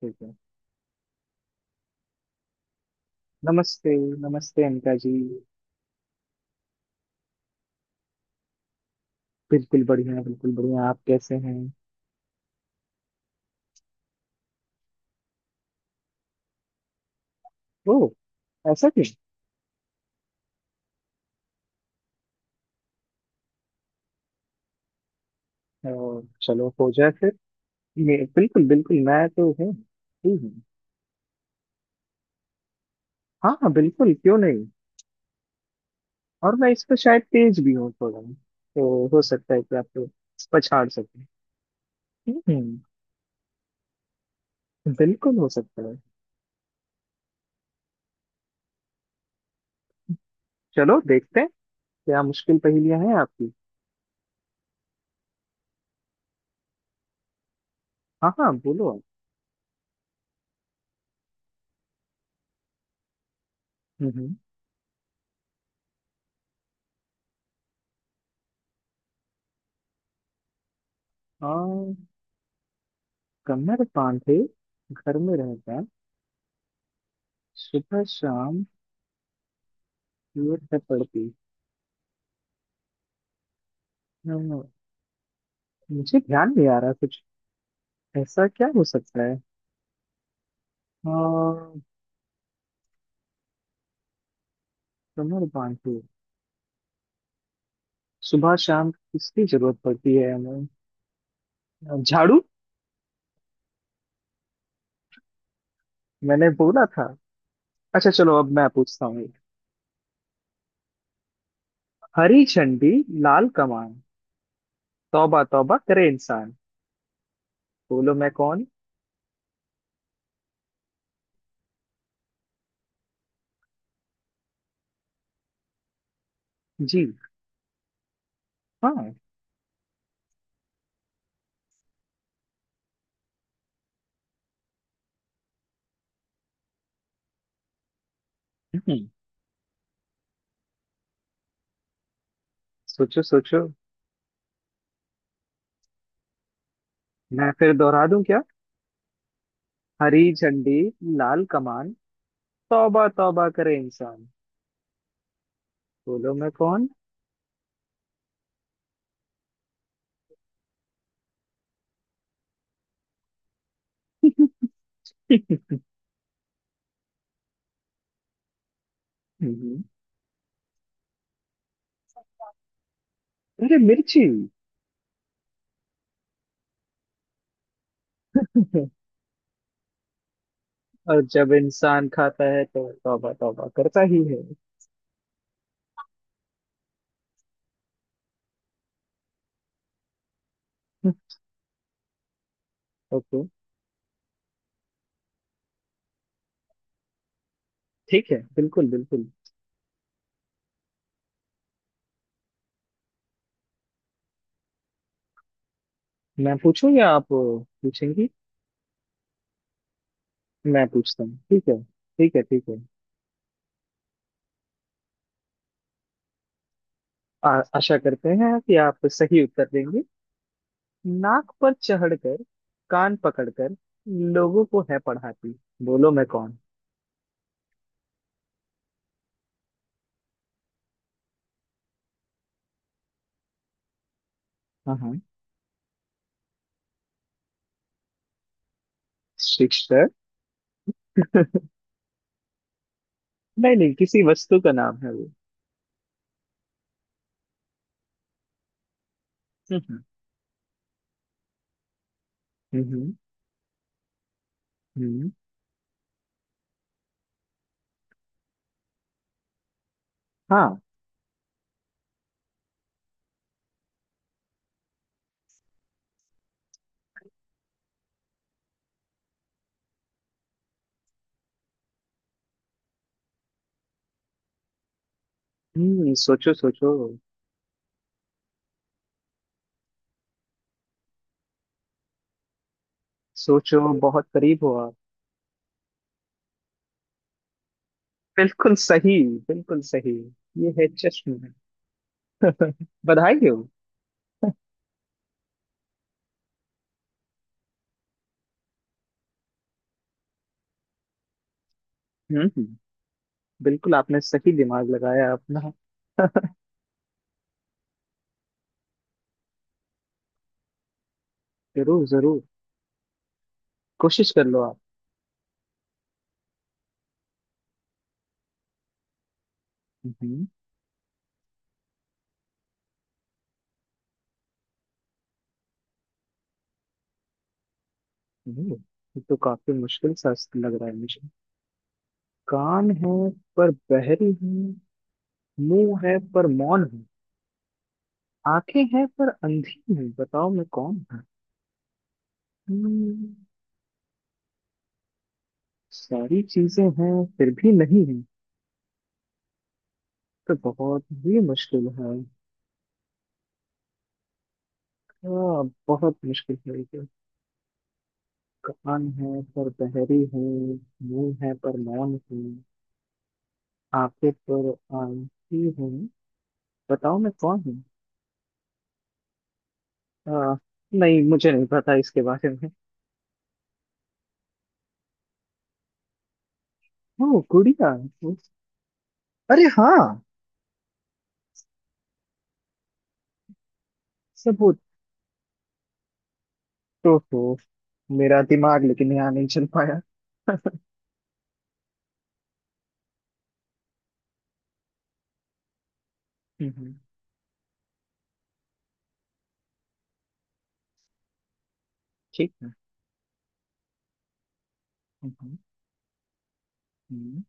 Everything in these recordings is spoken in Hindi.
ठीक है। नमस्ते। नमस्ते अनका जी। बिल्कुल बढ़िया, बिल्कुल बढ़िया, आप कैसे हैं? ओ, ऐसा क्यों? ओ, चलो हो जाए फिर। बिल्कुल बिल्कुल, मैं तो हूँ ही हूँ। हाँ हाँ, बिल्कुल, क्यों नहीं। और मैं इस पे शायद तेज भी हूँ थोड़ा, तो हो सकता है कि आपको पछाड़ सकूं। हम्म हम्म। बिल्कुल हो सकता है। चलो देखते हैं क्या मुश्किल पहेलियां हैं आपकी। हाँ हाँ, बोलो आप। हम्म हम्म। आ, कमर बांधे घर में रहता, सुबह शाम जरूरत है पड़ती। हाँ, मुझे ध्यान नहीं आ रहा कुछ। ऐसा क्या हो सकता है? हाँ, कमर बांधे सुबह शाम किसकी जरूरत पड़ती है हमें? झाड़ू! मैंने बोला था। अच्छा चलो, अब मैं पूछता हूँ। हरी झंडी, लाल कमान, तौबा तौबा करे इंसान, बोलो मैं कौन? जी। हाँ। हम्म, सोचो सोचो। मैं फिर दोहरा दूं क्या? हरी झंडी, लाल कमान, तौबा तौबा करे इंसान, बोलो मैं कौन? अरे मिर्ची! और जब इंसान खाता है तो तौबा तौबा करता ही है। ओके। ठीक है, बिल्कुल बिल्कुल। मैं पूछूं या आप पूछेंगी? मैं पूछता हूँ, ठीक है ठीक है ठीक है। आ, आशा करते हैं कि आप सही उत्तर देंगे। नाक पर चढ़कर, कान पकड़कर, लोगों को है पढ़ाती, बोलो मैं कौन? हाँ हाँ। शिक्षक? नहीं नहीं, किसी वस्तु का नाम है वो। हम्म। हम्म हम्म, हम्म, हाँ। हम्म, सोचो सोचो। सोचो, बहुत करीब हो आप। बिल्कुल सही, बिल्कुल सही। ये है चश्म। बधाई हो। हम्म हम्म, बिल्कुल आपने सही दिमाग लगाया अपना। जरूर जरूर, कोशिश कर लो आप। हम्म हम्म, ये तो काफी मुश्किल सा लग रहा है मुझे। कान है पर बहरी हूँ, मुंह है पर मौन हूँ, आंखें हैं पर अंधी हूँ, बताओ मैं कौन हूँ? हम्म, सारी चीजें हैं फिर भी नहीं हूँ, तो बहुत ही मुश्किल है। हाँ, बहुत मुश्किल है ये। कान है पर बहरी हूँ, मुंह है पर मौन हूँ, आंखें पर आंखी हूँ, बताओ मैं कौन हूँ? आ, नहीं मुझे नहीं पता इसके बारे में। ओ गुड़िया! उस- अरे हाँ, सबूत तो हो। मेरा दिमाग लेकिन यहाँ नहीं चल पाया। हम्म, ठीक है। हम्म, हम्म,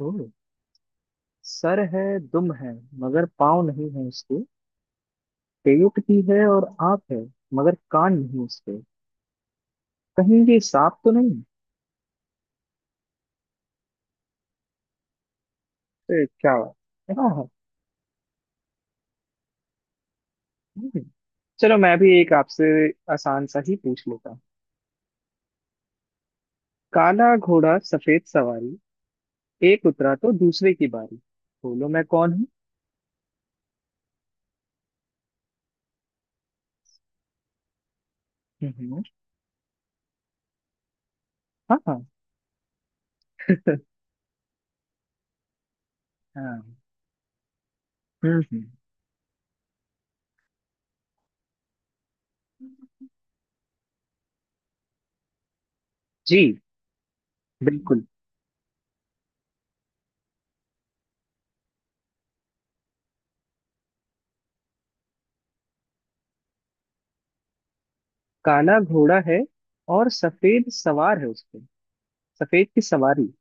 ओ। सर है दुम है मगर पाँव नहीं है उसके, पेट भी है और आँख है मगर कान नहीं उसके। कहीं ये सांप तो नहीं? ए, क्या बात। हाँ हाँ। हम्म। चलो मैं भी एक आपसे आसान सा ही पूछ लेता हूँ। काला घोड़ा सफेद सवारी, एक उतरा तो दूसरे की बारी, बोलो मैं कौन हूँ? हम्म, हम्म। हाँ हाँ। हाँ। हम्म हम्म। जी। बिल्कुल, काला घोड़ा है और सफेद सवार है उस पे, सफेद की सवारी।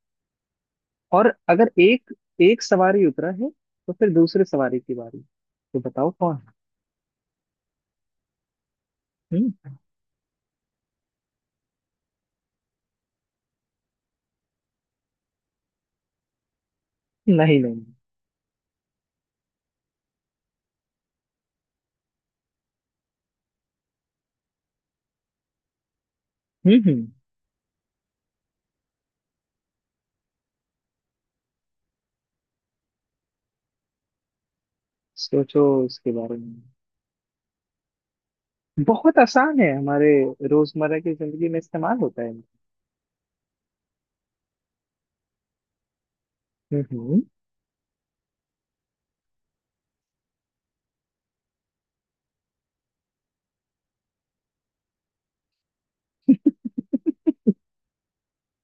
और अगर एक, एक सवारी उतरा है तो फिर दूसरे सवारी की बारी। तो बताओ कौन है? हम्म। नहीं नहीं। हम्म हम्म। सोचो उसके बारे में। बहुत आसान है, हमारे रोजमर्रा की जिंदगी में इस्तेमाल होता है। हम्म।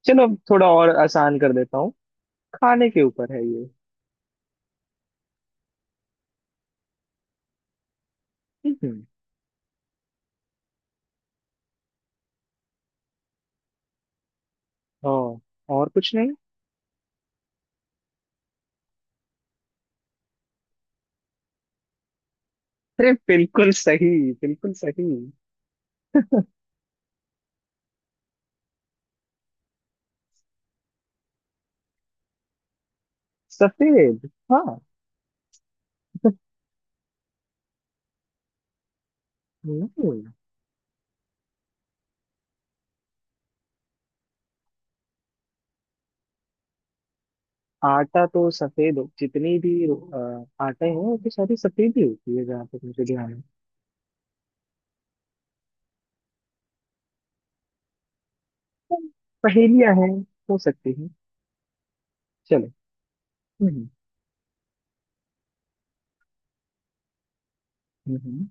चलो अब थोड़ा और आसान कर देता हूँ, खाने के ऊपर है ये। हम्म। और? और कुछ नहीं। अरे बिल्कुल सही, बिल्कुल सही। सफेद, हाँ। नहीं, आटा तो सफेद हो- जितनी भी आटे हैं वो तो सारी सफेद ही होती है जहाँ तक मुझे ध्यान है। तो पहेलियाँ हैं, हो सकती हैं। चलो। हम्म हम्म।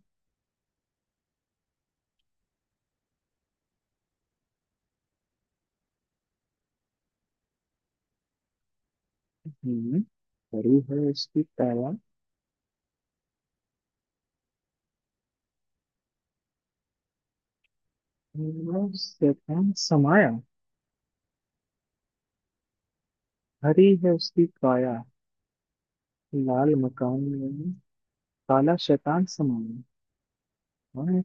हम्म, बड़ी है इसकी पैरा। नीरव शैतान समाया। हरी है उसकी काया, लाल मकान में काला शैतान समाया। और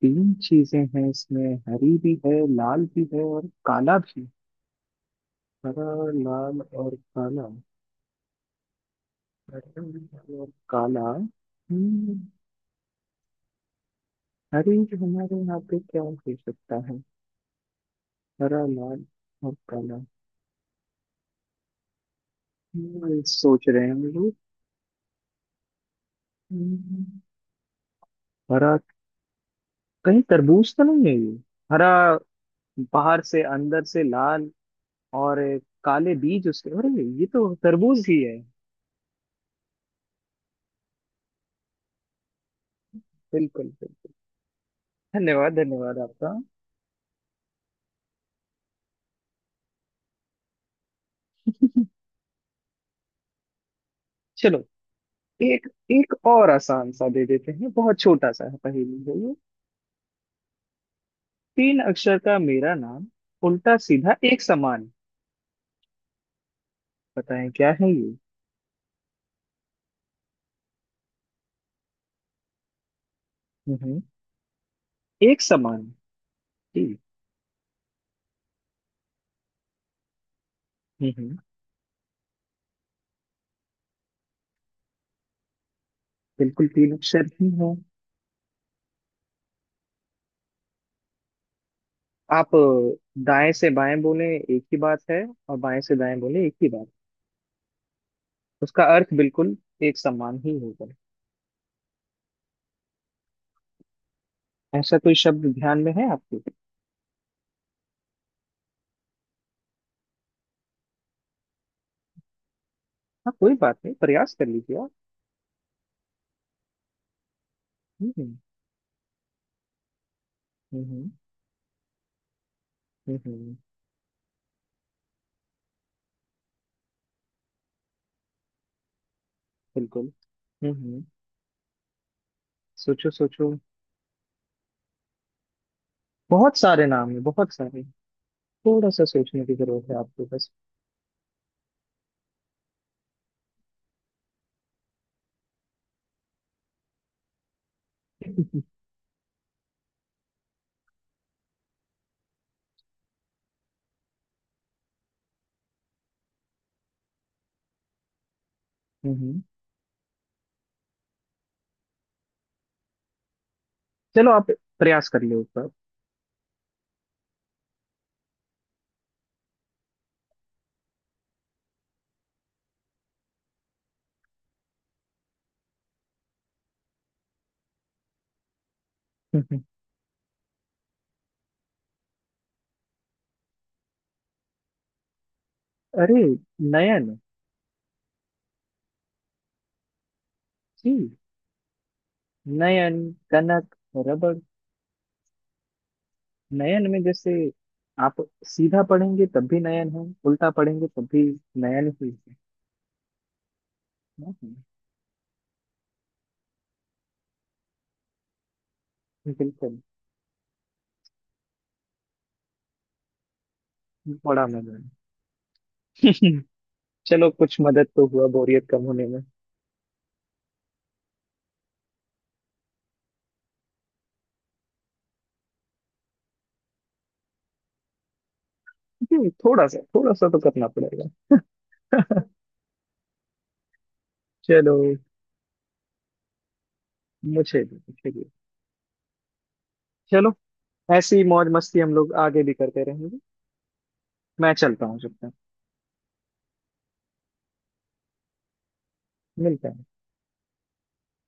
तीन चीजें हैं इसमें, हरी भी है, लाल भी है और काला भी। हरा, लाल और काला। हरा लाल और काला। हम्म, हरी। हमारे यहाँ पे क्या हो सकता है? हरा, लाल और काला। सोच रहे हैं हम लोग। हम्म, हरा। कहीं तरबूज तो नहीं है ये, हरा बाहर से, अंदर से लाल और काले बीज उसके। अरे ये तो तरबूज ही है! बिल्कुल बिल्कुल, धन्यवाद धन्यवाद आपका। चलो एक, एक और आसान सा दे देते हैं, बहुत छोटा सा है पहेली है ये। तीन अक्षर का मेरा नाम, उल्टा सीधा एक समान, बताएं क्या है ये? हम्म। एक समान। जी। हम्म। बिल्कुल, तीन अक्षर ही है। आप दाएं से बाएं बोले एक ही बात है और बाएं से दाएं बोले एक ही बात, उसका अर्थ बिल्कुल एक समान ही होगा। ऐसा कोई शब्द ध्यान में है आपके? हाँ कोई बात नहीं, प्रयास कर लीजिए आप। हम्म हम्म। हम्म, हम्म, बिल्कुल। हम्म हम्म, सोचो सोचो। बहुत सारे नाम है बहुत सारे, थोड़ा सा सोचने की जरूरत है आपको बस। हम्म हम्म, चलो आप प्रयास कर लो एक बार। हम्म, हम्म। अरे, नयन। जी। नयन, कनक, रबड़। नयन में जैसे आप सीधा पढ़ेंगे तब भी नयन है, उल्टा पढ़ेंगे तब भी नयन ही है। हम्म, हम्म, बिल्कुल। बड़ा मजा है। चलो कुछ मदद तो हुआ बोरियत कम होने में। जी, थोड़ा सा तो करना पड़ेगा। चलो। मुझे भी मुझे भी। चलो, ऐसी मौज मस्ती हम लोग आगे भी करते रहेंगे। मैं चलता हूँ जब तक। मिलते हैं।